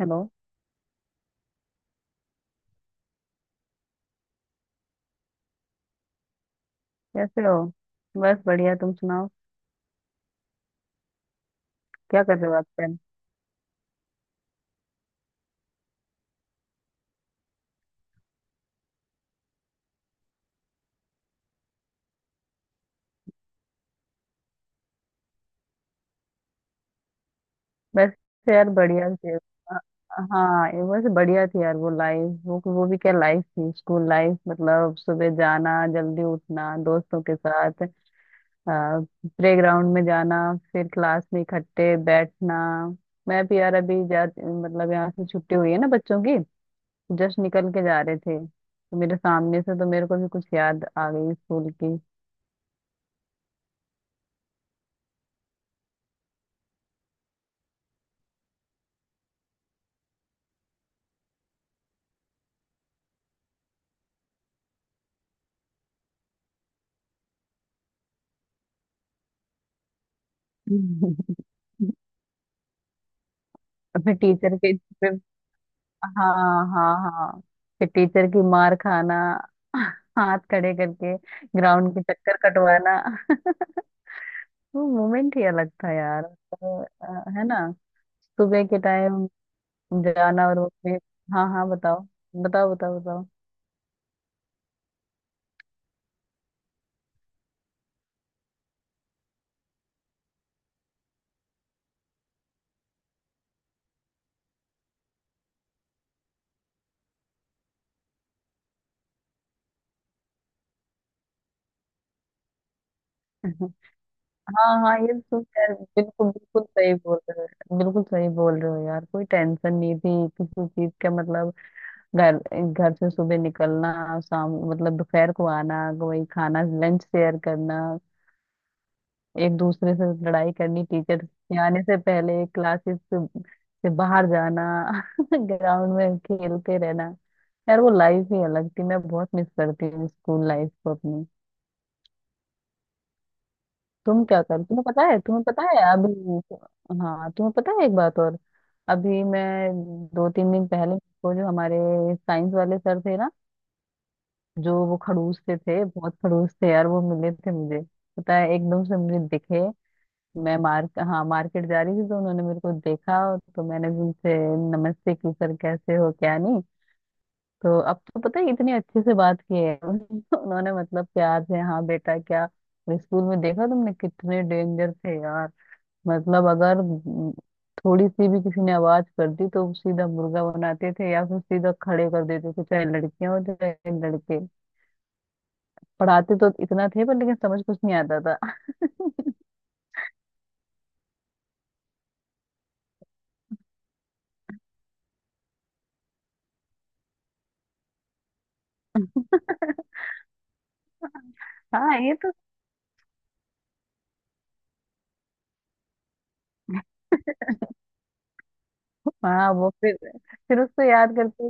Hello. कैसे हो? बस बढ़िया, तुम सुनाओ। क्या कर रहे हो आजकल? बस यार बढ़िया थे। हाँ, ये बस बढ़िया थी यार, वो लाइफ, वो भी क्या लाइफ थी, स्कूल लाइफ। मतलब सुबह जाना, जल्दी उठना, दोस्तों के साथ प्लेग्राउंड में जाना, फिर क्लास में इकट्ठे बैठना। मैं भी यार अभी जा मतलब, यहाँ से छुट्टी हुई है ना बच्चों की, जस्ट निकल के जा रहे थे तो मेरे सामने से, तो मेरे को भी कुछ याद आ गई स्कूल की। अपने टीचर के पे। हाँ हाँ हाँ, फिर टीचर की मार खाना, हाथ खड़े करके ग्राउंड के चक्कर कटवाना। वो मोमेंट ही अलग था यार तो, है ना। सुबह के टाइम जाना और उसमें। हाँ हाँ, बताओ। बताओ बताओ बताओ। हाँ हाँ, ये सुन यार, बिल्कुल बिल्कुल सही बोल रहे हो, बिल्कुल सही बोल रहे हो यार, कोई टेंशन नहीं थी किसी चीज का। मतलब घर घर से सुबह निकलना, शाम मतलब दोपहर को आना, वही खाना लंच शेयर करना, एक दूसरे से लड़ाई करनी, टीचर के आने से पहले क्लासेस से बाहर जाना। ग्राउंड में खेलते रहना। यार वो लाइफ ही अलग थी, मैं बहुत मिस करती हूँ स्कूल लाइफ को अपनी। तुम क्या कर तुम्हें पता है अभी। हाँ, तुम्हें पता है, एक बात और। अभी मैं 2-3 दिन पहले को, जो हमारे साइंस वाले सर थे ना, जो वो खड़ूस से थे, बहुत खड़ूस थे यार, वो मिले थे मुझे। पता है, एकदम से मुझे दिखे। मैं मार हाँ, मार्केट जा रही थी तो उन्होंने मेरे को देखा, तो मैंने भी उनसे नमस्ते की, सर कैसे हो क्या नहीं। तो अब तो पता है, इतने अच्छे से बात किए हैं। उन्होंने मतलब प्यार से, हाँ बेटा क्या। स्कूल में देखा तुमने कितने डेंजर थे यार, मतलब अगर थोड़ी सी भी किसी ने आवाज कर दी तो सीधा मुर्गा बनाते थे या फिर सीधा खड़े कर देते थे, चाहे लड़कियां हो चाहे लड़के। पढ़ाते तो इतना थे पर लेकिन समझ कुछ नहीं आता था। हाँ, ये तो। हाँ वो फिर उसको याद करते,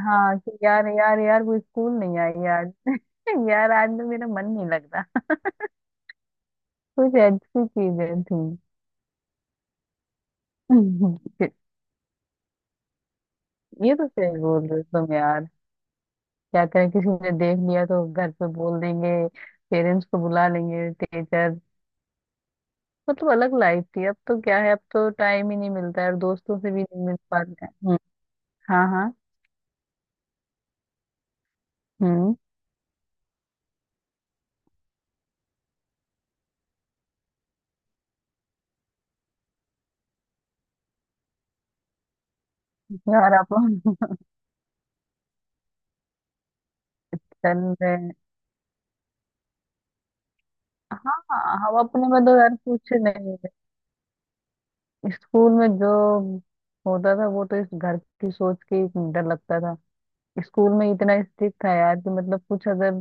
हाँ कि यार यार यार वो स्कूल नहीं आई यार। यार आज तो मेरा मन नहीं लगता। कुछ अच्छी चीजें थी। ये तो सही बोल रहे हो तुम यार। क्या करें, किसी ने देख लिया तो घर पे बोल देंगे, पेरेंट्स को बुला लेंगे टीचर। मतलब अलग लाइफ थी। अब तो क्या है, अब तो टाइम ही नहीं मिलता है और दोस्तों से भी नहीं मिल पाता है। हम्म। हाँ हाँ, यार आप चल रहे हैं। हाँ, हम अपने में तो यार कुछ नहीं है। स्कूल में जो होता था वो तो, इस घर की सोच के ही डर लगता था। स्कूल में इतना स्ट्रिक्ट था यार, कि मतलब कुछ अगर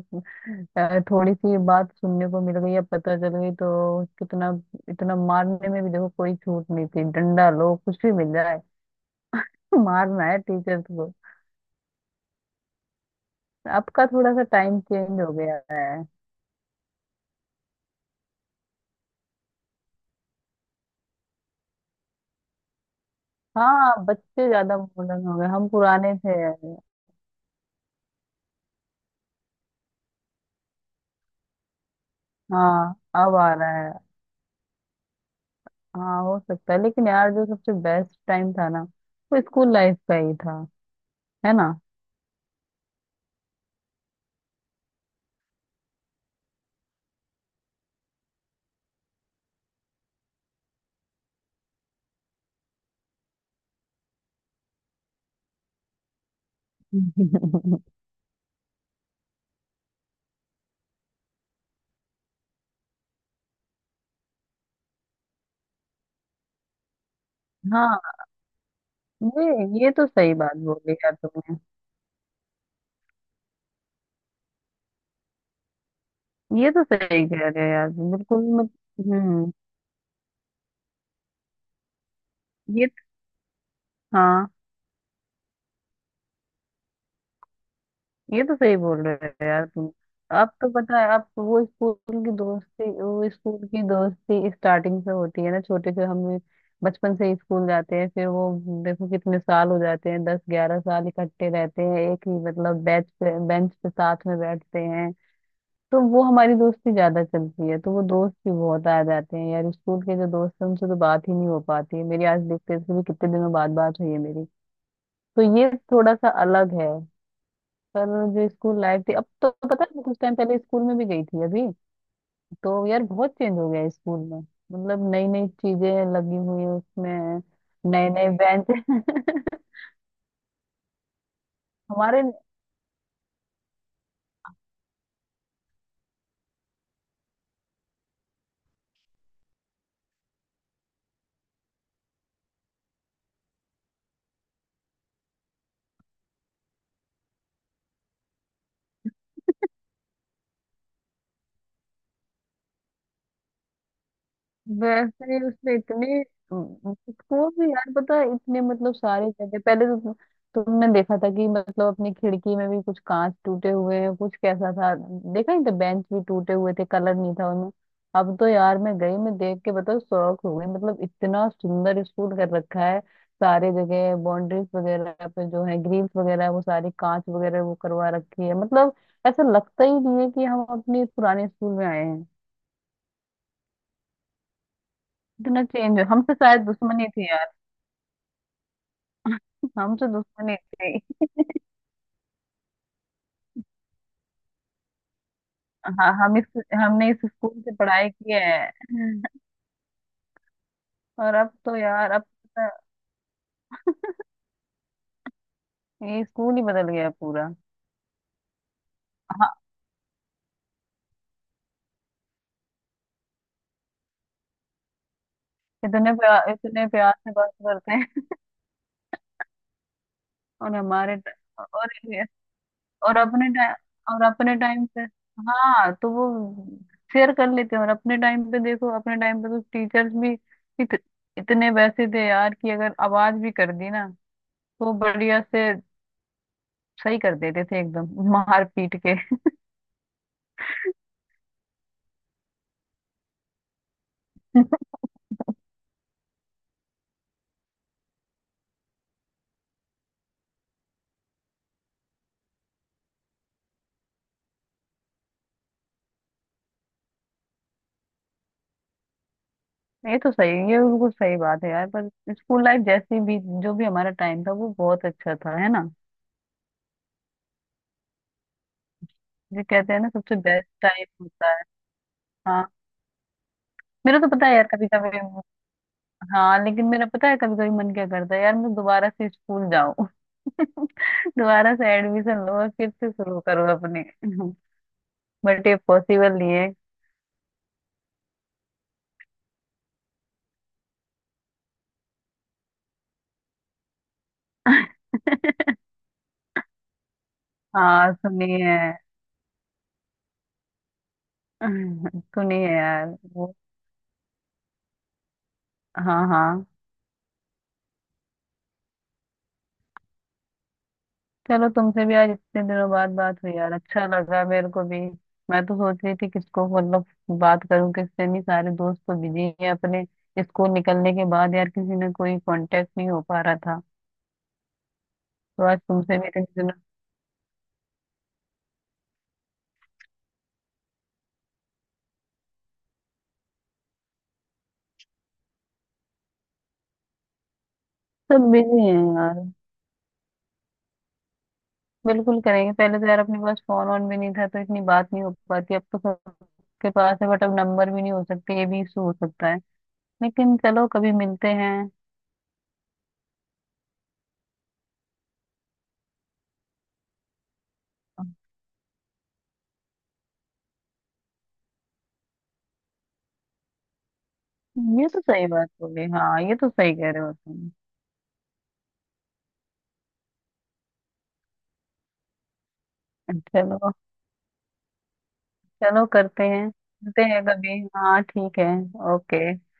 थोड़ी सी बात सुनने को मिल गई या पता चल गई तो कितना, इतना मारने में भी देखो कोई छूट नहीं थी, डंडा लो कुछ भी मिल जाए। मारना है टीचर को। अब का थोड़ा सा टाइम चेंज हो गया है। हाँ, बच्चे ज्यादा मॉडर्न हो गए, हम पुराने थे। हाँ, अब आ रहा है। हाँ हो सकता है, लेकिन यार जो सबसे बेस्ट टाइम था ना, वो स्कूल लाइफ का ही था, है ना। हाँ, ये तो सही बात बोली यार तुमने। ये तो सही कह रहे हो यार, बिल्कुल। मत हम्म। ये हाँ, ये तो सही बोल रहे हो यार तुम। अब तो पता है, अब तो वो स्कूल की दोस्ती स्टार्टिंग से होती है ना, छोटे से हम बचपन से ही स्कूल जाते हैं, फिर वो देखो कितने साल हो जाते हैं, 10-11 साल इकट्ठे रहते हैं, एक ही मतलब बेंच पे, बेंच पे साथ में बैठते हैं। तो वो हमारी दोस्ती ज्यादा चलती है, तो वो दोस्त भी बहुत आ जाते हैं यार। स्कूल के जो दोस्त हैं उनसे तो बात ही नहीं हो पाती है मेरी, आज देखते भी कितने दिनों बाद बात हुई है मेरी। तो ये थोड़ा सा अलग है। पर जो स्कूल लाइफ थी, अब तो पता है मैं कुछ टाइम पहले स्कूल में भी गई थी अभी, तो यार बहुत चेंज हो गया है स्कूल में। मतलब नई नई चीजें लगी हुई है उसमें, नए नए बेंच। हमारे वैसे उसमें इतने। वो भी यार पता है इतने मतलब सारे जगह पहले तो। तुमने देखा था कि मतलब अपनी खिड़की में भी कुछ कांच टूटे हुए हैं, कुछ कैसा था देखा नहीं था, बेंच भी टूटे हुए थे, कलर नहीं था उनमें। अब तो यार मैं गई, मैं देख के बताओ शौक हो गई, मतलब इतना सुंदर स्कूल कर रखा है। सारे जगह बाउंड्रीज वगैरह पे जो है, ग्रिल्स वगैरह है, वो सारे कांच वगैरह वो करवा रखी है, मतलब ऐसा लगता ही नहीं है कि हम अपने पुराने स्कूल में आए हैं। इतना चेंज, हम हमसे शायद दुश्मनी थी। हम तो दुश्मन ही थे। हाँ, हम इस हमने इस स्कूल से पढ़ाई की है। और अब तो यार, अब तो ये स्कूल ही बदल गया पूरा। हाँ, इतने प्यार, इतने प्यार से बात करते हैं। और हमारे और अपने टाइम पे, हाँ तो वो शेयर कर लेते हैं। और अपने टाइम पे देखो, अपने टाइम पे तो टीचर्स भी इत, इतने वैसे थे यार कि अगर आवाज भी कर दी ना, तो बढ़िया से सही कर देते थे एकदम मार पीट के। ये तो सही, ये बिल्कुल सही बात है यार। पर स्कूल लाइफ जैसी भी, जो भी हमारा टाइम था, वो बहुत अच्छा था, है ना। जो कहते हैं ना, सबसे बेस्ट टाइम होता है। हाँ, मेरा तो पता है यार कभी कभी, हाँ लेकिन मेरा पता है कभी कभी मन क्या करता है यार, मैं दोबारा से स्कूल जाऊं। दोबारा से एडमिशन लो और फिर से शुरू करो अपने। बट ये पॉसिबल नहीं है। हाँ, सुनिए। सुनिए यार वो, हाँ हाँ। चलो, तुमसे भी आज इतने दिनों बाद बात हुई यार, अच्छा लगा मेरे को भी। मैं तो सोच रही थी किसको मतलब बात करूं, किससे नहीं, सारे दोस्त तो बिजी हैं अपने। स्कूल निकलने के बाद यार किसी ने कोई कांटेक्ट नहीं हो पा रहा था। तो आज तुमसे भी इतने दिनों। सब बिजी हैं यार। बिल्कुल करेंगे, पहले तो यार अपने पास फोन ऑन भी नहीं था तो इतनी बात नहीं हो पाती, अब तो सबके पास है, बट अब नंबर भी नहीं हो सकते, ये भी इशू हो सकता है। लेकिन चलो, कभी मिलते हैं। ये तो सही बात हो गई, हाँ ये तो सही कह रहे हो तुम। चलो, चलो करते हैं मिलते हैं कभी, हाँ ठीक है। ओके।